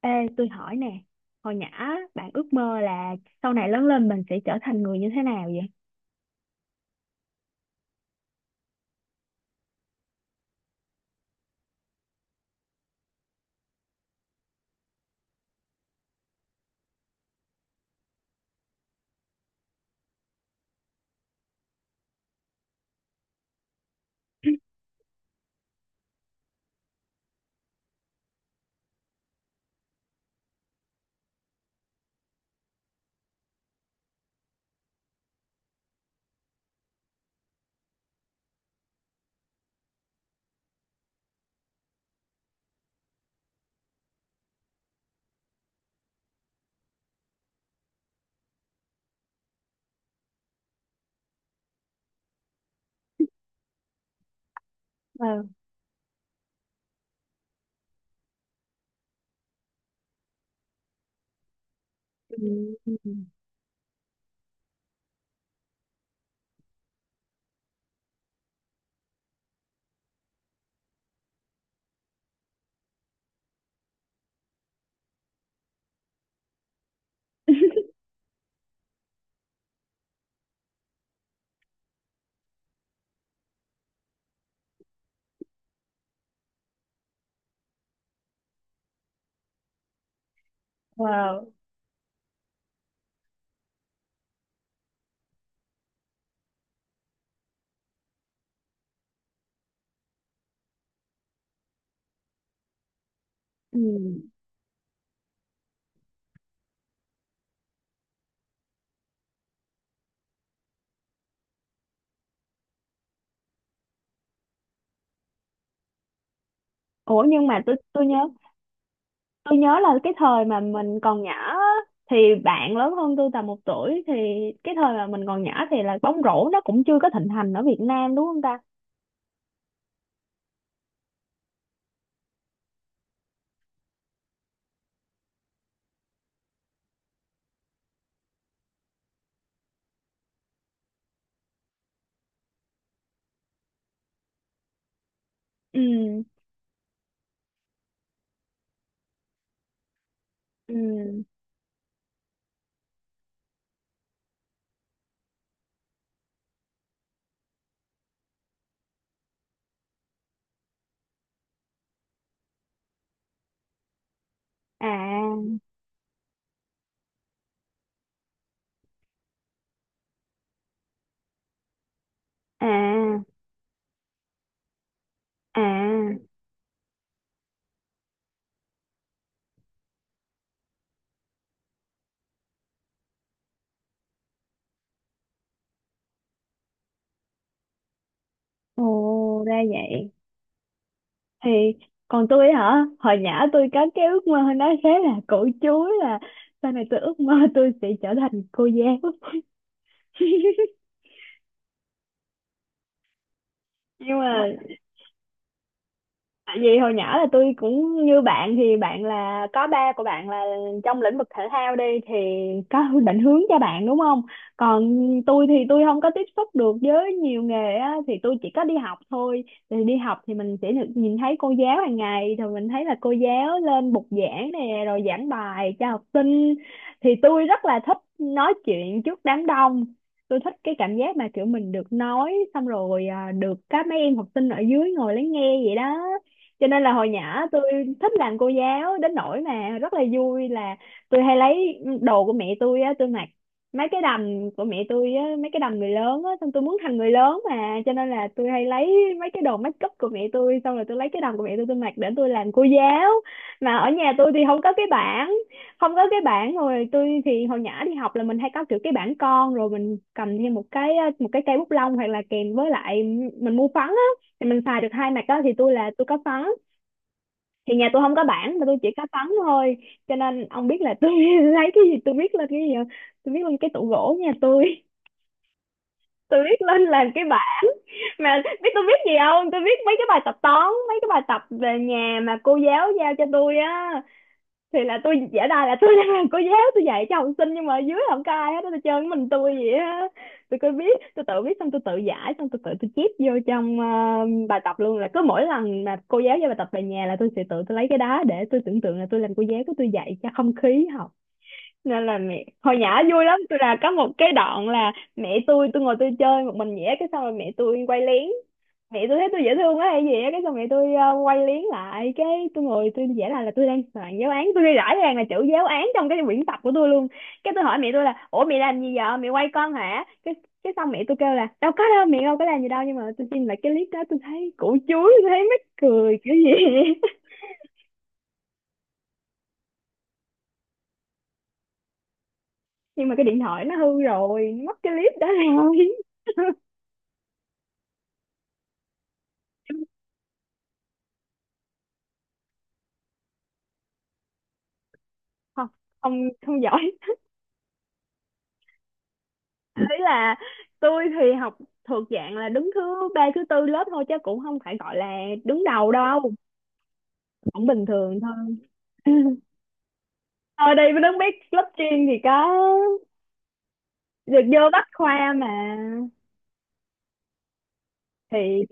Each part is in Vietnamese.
Ê, tôi hỏi nè, hồi nhỏ bạn ước mơ là sau này lớn lên mình sẽ trở thành người như thế nào vậy? Wow. Ừ. Wow. Ừ. Ủa, nhưng mà tôi nhớ là cái thời mà mình còn nhỏ á, thì bạn lớn hơn tôi tầm một tuổi. Thì cái thời mà mình còn nhỏ thì là bóng rổ nó cũng chưa có thịnh hành ở Việt Nam đúng không ta? Ừ, ừ, à, à, à, ồ, ra vậy. Thì còn tôi hả, hồi nhỏ tôi có cái ước mơ nó khá là cổ chúa là sau này tôi ước mơ tôi sẽ trở thành cô giáo. Nhưng mà tại vì hồi nhỏ là tôi cũng như bạn, thì bạn là có ba của bạn là trong lĩnh vực thể thao đi thì có định hướng cho bạn đúng không? Còn tôi thì tôi không có tiếp xúc được với nhiều nghề á, thì tôi chỉ có đi học thôi. Thì đi học thì mình sẽ được nhìn thấy cô giáo hàng ngày, thì mình thấy là cô giáo lên bục giảng nè rồi giảng bài cho học sinh. Thì tôi rất là thích nói chuyện trước đám đông. Tôi thích cái cảm giác mà kiểu mình được nói xong rồi à, được các mấy em học sinh ở dưới ngồi lắng nghe vậy đó, cho nên là hồi nhỏ tôi thích làm cô giáo đến nỗi mà rất là vui là tôi hay lấy đồ của mẹ tôi á, tôi mặc mấy cái đầm của mẹ tôi á, mấy cái đầm người lớn á, xong tôi muốn thành người lớn mà, cho nên là tôi hay lấy mấy cái đồ make up của mẹ tôi, xong rồi tôi lấy cái đầm của mẹ tôi mặc để tôi làm cô giáo. Mà ở nhà tôi thì không có cái bảng, không có cái bảng. Rồi tôi thì hồi nhỏ đi học là mình hay có kiểu cái bảng con, rồi mình cầm thêm một cái, một cây bút lông, hoặc là kèm với lại mình mua phấn á, thì mình xài được hai mặt đó, thì tôi là tôi có phấn. Thì nhà tôi không có bảng mà tôi chỉ có tấm thôi, cho nên ông biết là tôi lấy cái gì, tôi biết lên cái gì không? Tôi biết lên cái tủ gỗ nhà tôi. Tôi biết lên làm cái bài mà biết tôi biết gì không, tôi biết mấy cái bài tập toán, mấy cái bài tập về nhà mà cô giáo giao cho tôi á. Thì là tôi giả đà là tôi đang làm cô giáo, tôi dạy cho học sinh nhưng mà ở dưới không có ai hết á, tôi chơi mình tôi vậy á. Tôi cứ viết, tôi tự viết, xong tôi tự giải, xong tôi tự chép vô trong bài tập luôn. Là cứ mỗi lần mà cô giáo giao bài tập về nhà là tôi sẽ tự tôi lấy cái đá để tôi tưởng tượng là tôi làm cô giáo của tôi dạy cho không khí học. Nên là mẹ hồi nhỏ vui lắm, tôi là có một cái đoạn là mẹ tôi ngồi tôi chơi một mình vậy, cái xong rồi mẹ tôi quay lén. Mẹ tôi thấy tôi dễ thương quá hay gì á, cái xong mẹ tôi quay liếng lại, cái tôi ngồi tôi vẽ lại là tôi đang soạn giáo án, tôi ghi rõ ràng là chữ giáo án trong cái quyển tập của tôi luôn. Cái tôi hỏi mẹ tôi là ủa mẹ làm gì vậy, mẹ quay con hả? Cái xong mẹ tôi kêu là đâu có đâu, mẹ đâu có làm gì đâu, nhưng mà tôi xin lại cái clip đó tôi thấy củ chuối, tôi thấy mắc cười kiểu gì. Nhưng mà cái điện thoại nó hư rồi, nó mất cái clip đó rồi. Không, không giỏi. Thế là tôi thì học thuộc dạng là đứng thứ ba thứ tư lớp thôi, chứ cũng không phải gọi là đứng đầu đâu, cũng bình thường thôi. Ở đây mới biết lớp chuyên thì có được vô bách khoa mà. Thì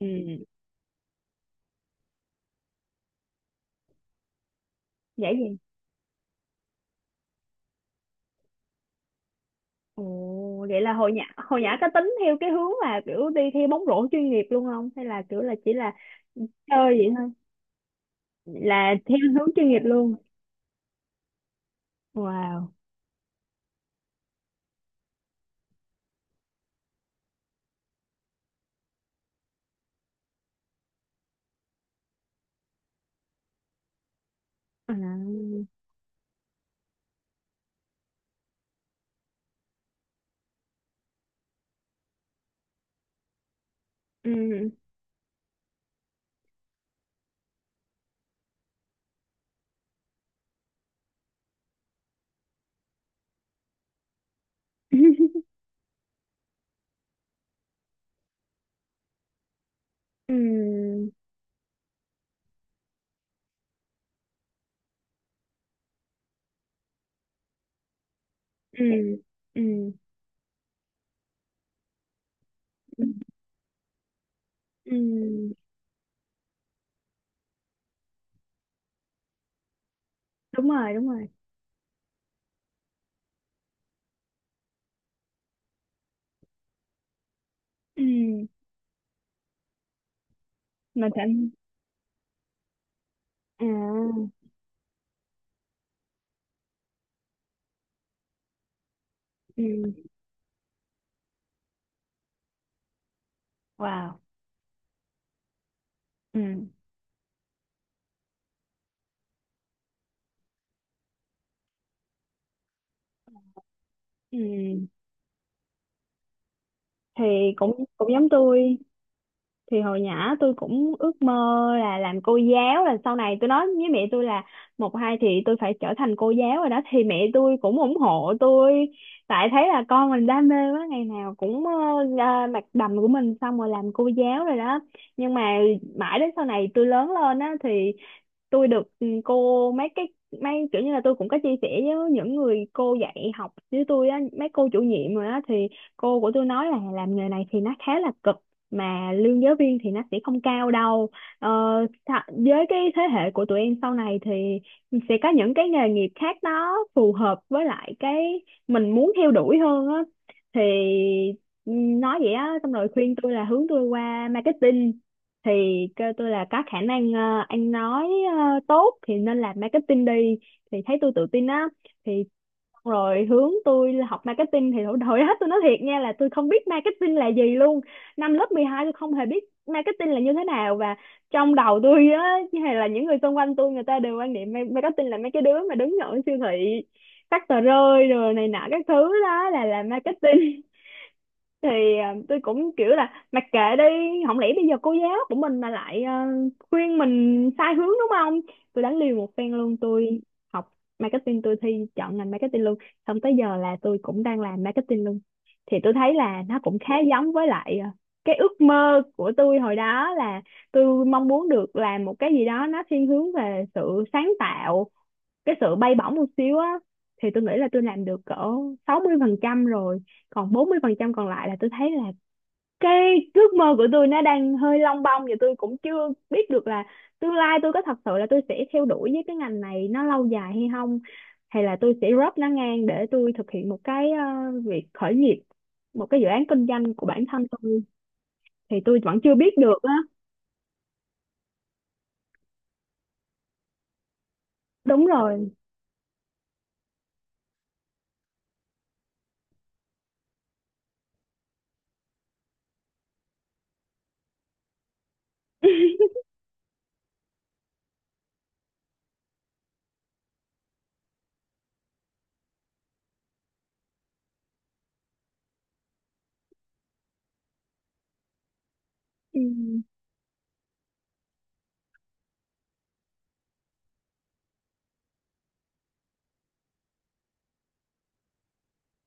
ừ, vậy gì. Ồ, vậy là hồi nhỏ có tính theo cái hướng là kiểu đi theo bóng rổ chuyên nghiệp luôn không, hay là kiểu là chỉ là chơi vậy thôi, là theo hướng chuyên nghiệp luôn. Wow. À. Ừ. Ừ. Ừ, ừ, ừ, ừ. Đúng rồi, đúng rồi. Ừ, mà thành à, ừ, wow, ừ, ừ. Thì cũng cũng giống tôi, thì hồi nhỏ tôi cũng ước mơ là làm cô giáo, là sau này tôi nói với mẹ tôi là một hai thì tôi phải trở thành cô giáo rồi đó. Thì mẹ tôi cũng ủng hộ tôi tại thấy là con mình đam mê quá, ngày nào cũng ra mặc đầm của mình xong rồi làm cô giáo rồi đó. Nhưng mà mãi đến sau này tôi lớn lên á, thì tôi được ừ, cô mấy cái, mấy kiểu như là tôi cũng có chia sẻ với những người cô dạy học với tôi á, mấy cô chủ nhiệm rồi á, thì cô của tôi nói là làm nghề này thì nó khá là cực, mà lương giáo viên thì nó sẽ không cao đâu. ờ, với cái thế hệ của tụi em sau này thì sẽ có những cái nghề nghiệp khác nó phù hợp với lại cái mình muốn theo đuổi hơn á. Thì ừ, nói vậy á, xong rồi khuyên tôi là hướng tôi qua marketing. Thì kêu tôi là có khả năng anh nói tốt thì nên làm marketing đi, thì thấy tôi tự tin á. Thì xong rồi hướng tôi là học marketing. Thì hồi hết tôi nói thiệt nha là tôi không biết marketing là gì luôn. Năm lớp 12 tôi không hề biết marketing là như thế nào, và trong đầu tôi á hay là những người xung quanh tôi người ta đều quan niệm marketing là mấy cái đứa mà đứng ở siêu thị phát tờ rơi rồi này nọ các thứ, đó là làm marketing. Thì à, tôi cũng kiểu là mặc kệ đi, không lẽ bây giờ cô giáo của mình mà lại à, khuyên mình sai hướng đúng không. Tôi đánh liều một phen luôn, tôi học marketing, tôi thi chọn ngành marketing luôn, xong tới giờ là tôi cũng đang làm marketing luôn. Thì tôi thấy là nó cũng khá giống với lại à, cái ước mơ của tôi hồi đó là tôi mong muốn được làm một cái gì đó nó thiên hướng về sự sáng tạo, cái sự bay bổng một xíu á. Thì tôi nghĩ là tôi làm được cỡ 60% rồi, còn 40% còn lại là tôi thấy là cái ước mơ của tôi nó đang hơi lông bông, và tôi cũng chưa biết được là tương lai tôi có thật sự là tôi sẽ theo đuổi với cái ngành này nó lâu dài hay không, hay là tôi sẽ drop nó ngang để tôi thực hiện một cái việc khởi nghiệp, một cái dự án kinh doanh của bản thân tôi. Thì tôi vẫn chưa biết được á. Đúng rồi. Ừ.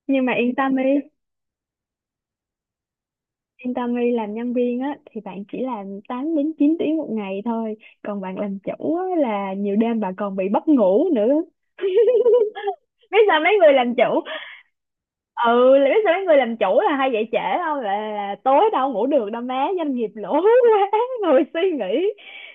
Nhưng mà yên tâm đi, yên tammy làm nhân viên á thì bạn chỉ làm 8 đến 9 tiếng một ngày thôi, còn bạn làm chủ á, là nhiều đêm bạn còn bị mất ngủ nữa. Biết sao mấy người làm chủ. Ừ, là biết sao mấy người làm chủ là hay dậy trễ, không là, tối đâu ngủ được đâu má, doanh nghiệp lỗ quá. Người suy nghĩ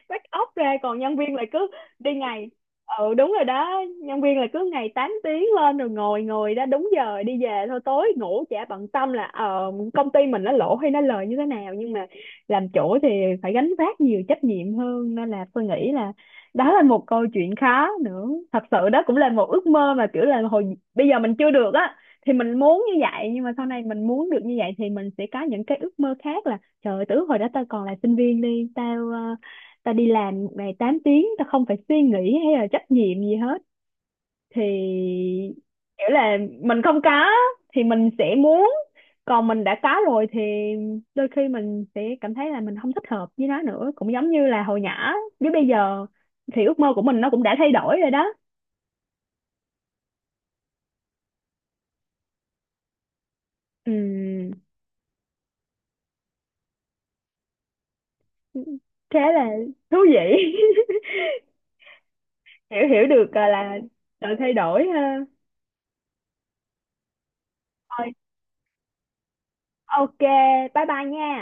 bắt óc ra, còn nhân viên lại cứ đi ngày. Ừ, đúng rồi đó, nhân viên là cứ ngày 8 tiếng lên rồi ngồi ngồi đó đúng giờ đi về thôi, tối ngủ chả bận tâm là công ty mình nó lỗ hay nó lời như thế nào. Nhưng mà làm chủ thì phải gánh vác nhiều trách nhiệm hơn, nên là tôi nghĩ là đó là một câu chuyện khó nữa. Thật sự đó cũng là một ước mơ mà kiểu là hồi bây giờ mình chưa được á thì mình muốn như vậy, nhưng mà sau này mình muốn được như vậy thì mình sẽ có những cái ước mơ khác là trời ơi, từ hồi đó tao còn là sinh viên đi, tao tao đi làm một ngày 8 tiếng, tao không phải suy nghĩ hay là trách nhiệm gì hết. Thì kiểu là mình không có thì mình sẽ muốn, còn mình đã có rồi thì đôi khi mình sẽ cảm thấy là mình không thích hợp với nó nữa, cũng giống như là hồi nhỏ với bây giờ thì ước mơ của mình nó cũng đã thay đổi rồi đó. Ừm, khá là thú vị. hiểu hiểu được là sự thay đổi ha. Thôi, ok, bye bye nha.